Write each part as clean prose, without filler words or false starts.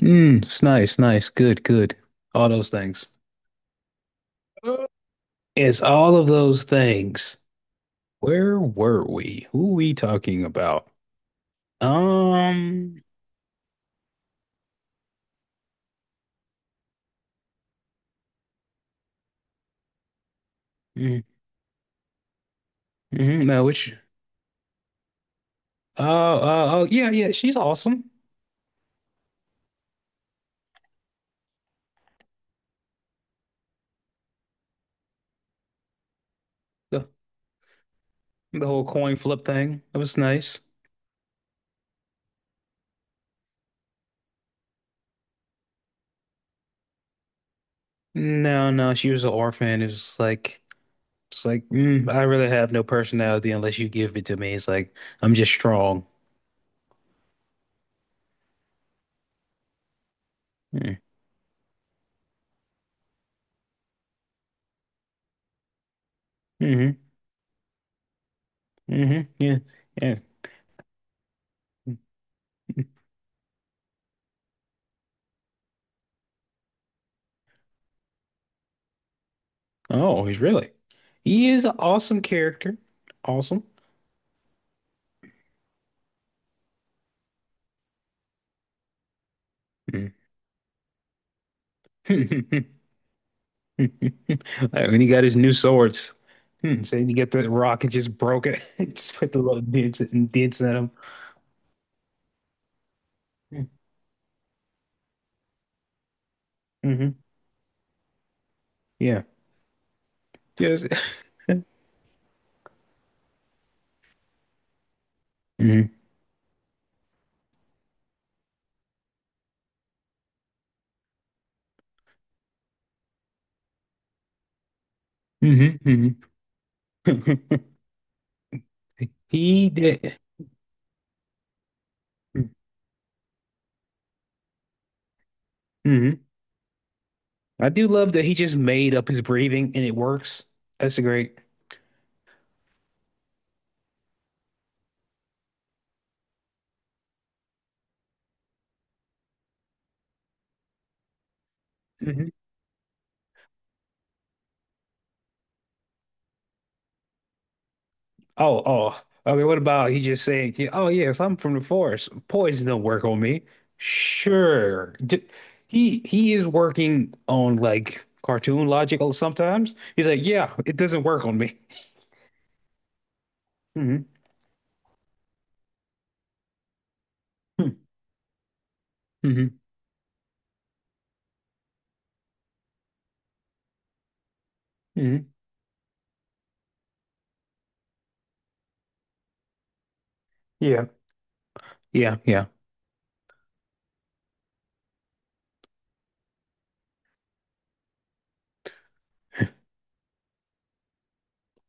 Mm, it's nice, nice, good, good. All those things. Uh, It's all of those things. Where were we? Who we talking about? Um, mm, mhm, no, oh, yeah, yeah, she's awesome. The, the whole coin flip thing, it was nice. No, no, she was an orphan. It's like, I really have no personality unless you give it to me. It's like, I'm just strong. Mm, hmm, hmm, yeah, yeah. Oh, he's really. He is an awesome character. Awesome. Hmm. Like, when he got his new swords. Hmm. So you get the rock and just broke it. Just put the little dents and dents in him. Mm-hmm. Yeah. Just. hmm hmm hmm He did. hmm I do love that he just made up his breathing and it works. That's great. Oh, oh. Okay, what about he just saying, yeah, oh yeah, if I'm from the forest, poison don't work on me. Sure. He is working on like cartoon logic sometimes. He's like, yeah, it doesn't work on me. hmm hmm hmm Yeah. Yeah, yeah.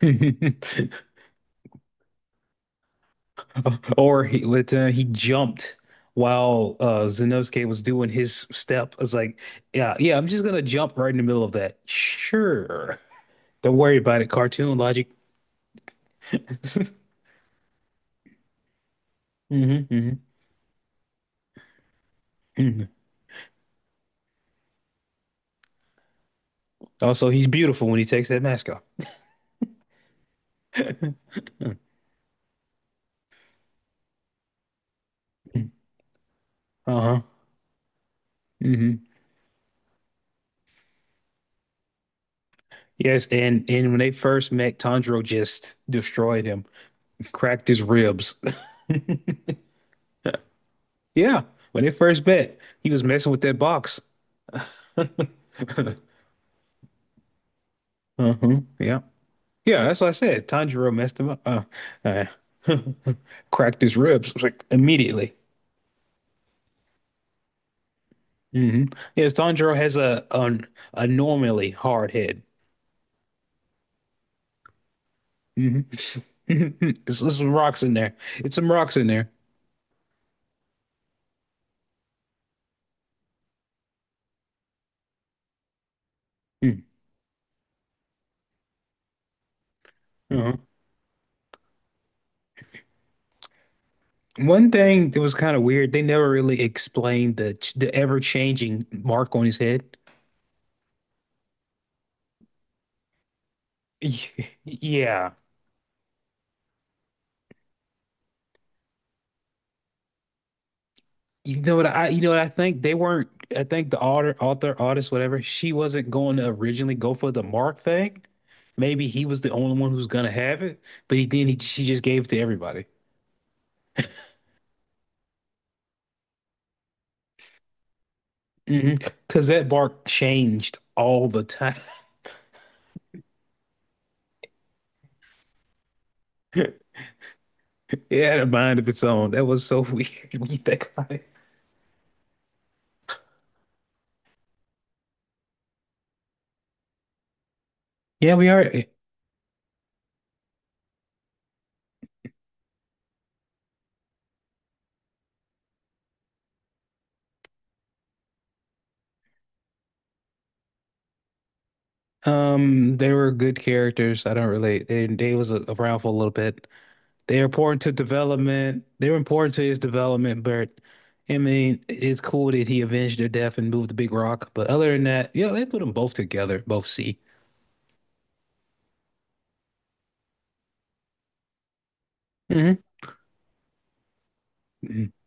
Or he jumped while Zenosuke was doing his step. It's like, yeah, yeah, I'm just gonna jump right in the middle of that. Sure. Don't worry about it, cartoon logic. hmm hmm Also, he's beautiful when he takes that mask off. Mm. Uh-huh. hmm Yes, and when they first met, Tanjiro just destroyed him, cracked his ribs. Yeah, when they first met, he was messing with that box. Uh-huh. Yeah. Yeah, that's what I said. Tanjiro messed him up, uh, cracked his ribs like immediately. hmm Yes, Tanjiro has a an abnormally hard head. hmm there's some rocks in there. It's some rocks in there. Uh-huh. One thing that was kind of weird, they never really explained the ever-changing mark on his head. Y- Yeah. You know what I think, they weren't I think the author artist, whatever, she wasn't going to originally go for the mark thing. Maybe he was the only one who's gonna have it, but he didn't. He, she just gave it to everybody. hmm Because that mark changed all the time. It had a mind of its own. That was so weird when you think about it. Yeah, we are. They were good characters. I don't relate. They was around for a little bit. They were important to development. They were important to his development, but I mean, it's cool that he avenged their death and moved the big rock. But other than that, they put them both together, both C. hmm hmm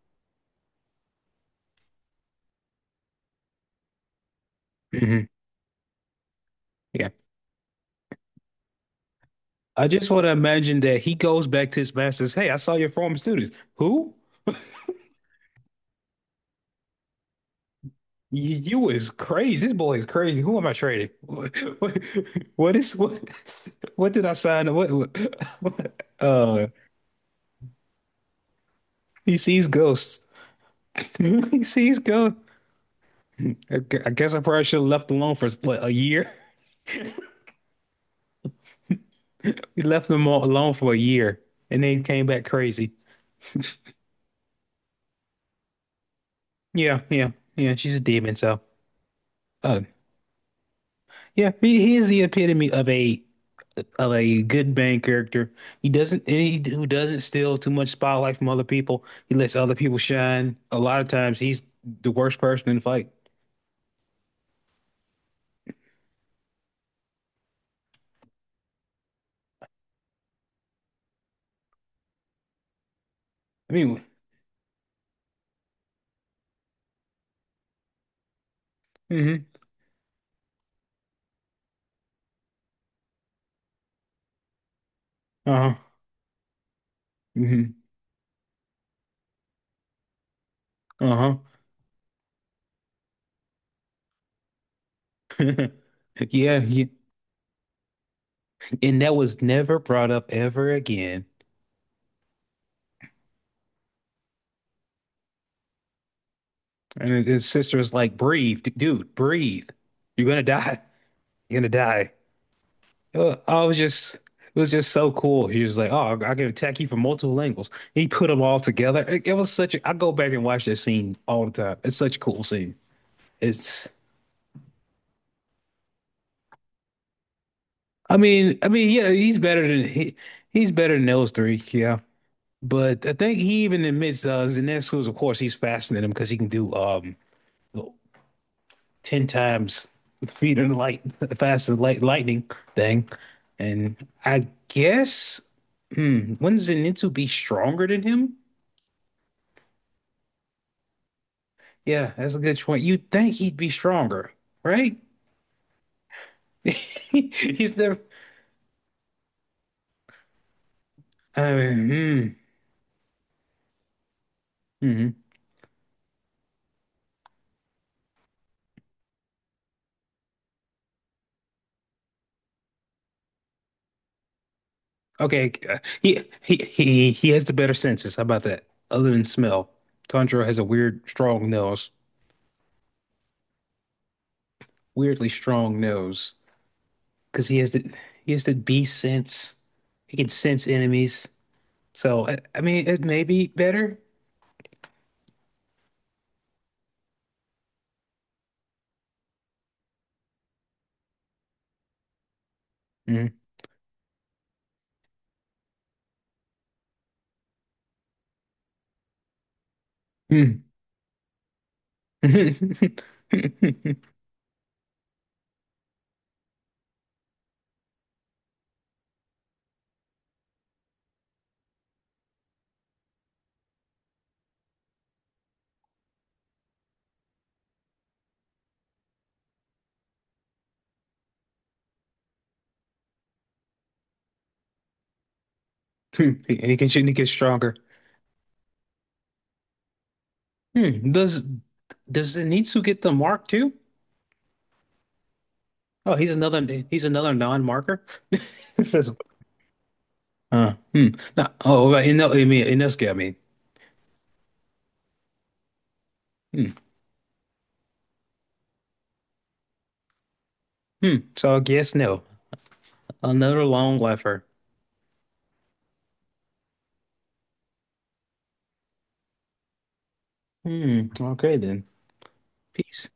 hmm Yeah. I just want to imagine that he goes back to his masters. Hey, I saw your former students. Who? You is crazy. This boy is crazy. Who am I trading? What is what? What did I sign? What? What? He sees ghosts. He sees ghosts. I guess I probably should have left alone for what, a year. We left them all alone for a year, and then he came back crazy. Yeah, yeah, yeah. She's a demon. So, uh, yeah, he is the epitome of a good main character. He doesn't, and he who doesn't steal too much spotlight from other people. He lets other people shine. A lot of times, he's the worst person in the fight. I mean, mm-hmm, uh-huh, mm-hmm, uh-huh. Yeah, yeah, and that was never brought up ever again. And his sister was like, "Breathe, dude, breathe. You're gonna die. You're gonna die." It was just so cool. He was like, "Oh, I can attack you from multiple angles." He put them all together. It was such a. I go back and watch that scene all the time. It's such a cool scene. It's. I mean, yeah, he's better than he. He's better than those three. Yeah, but I think he even admits Zenitsu's. Of course, he's faster than him because he can do ten times the speed of the light, the fastest lightning thing. And I guess, wouldn't Zenitsu be stronger than him? Yeah, that's a good point. You'd think he'd be stronger, right? He's the. I mean, hmm, mhm. Okay, he has the better senses. How about that? Other than smell, Tanjiro has a weird, strong nose. Weirdly strong nose because he has the beast sense. He can sense enemies. So I mean, it may be better. Mhm. Hmm. And he can shoot and he gets stronger. Hmm. Does Zenitsu get the mark too? Oh, he's another non-marker. This is uh, hmm. No, oh, right, no, I mean Inosuke, I mean. Hmm. Hmm. So I guess no. Another long lifer. Hmm. Okay then. Peace.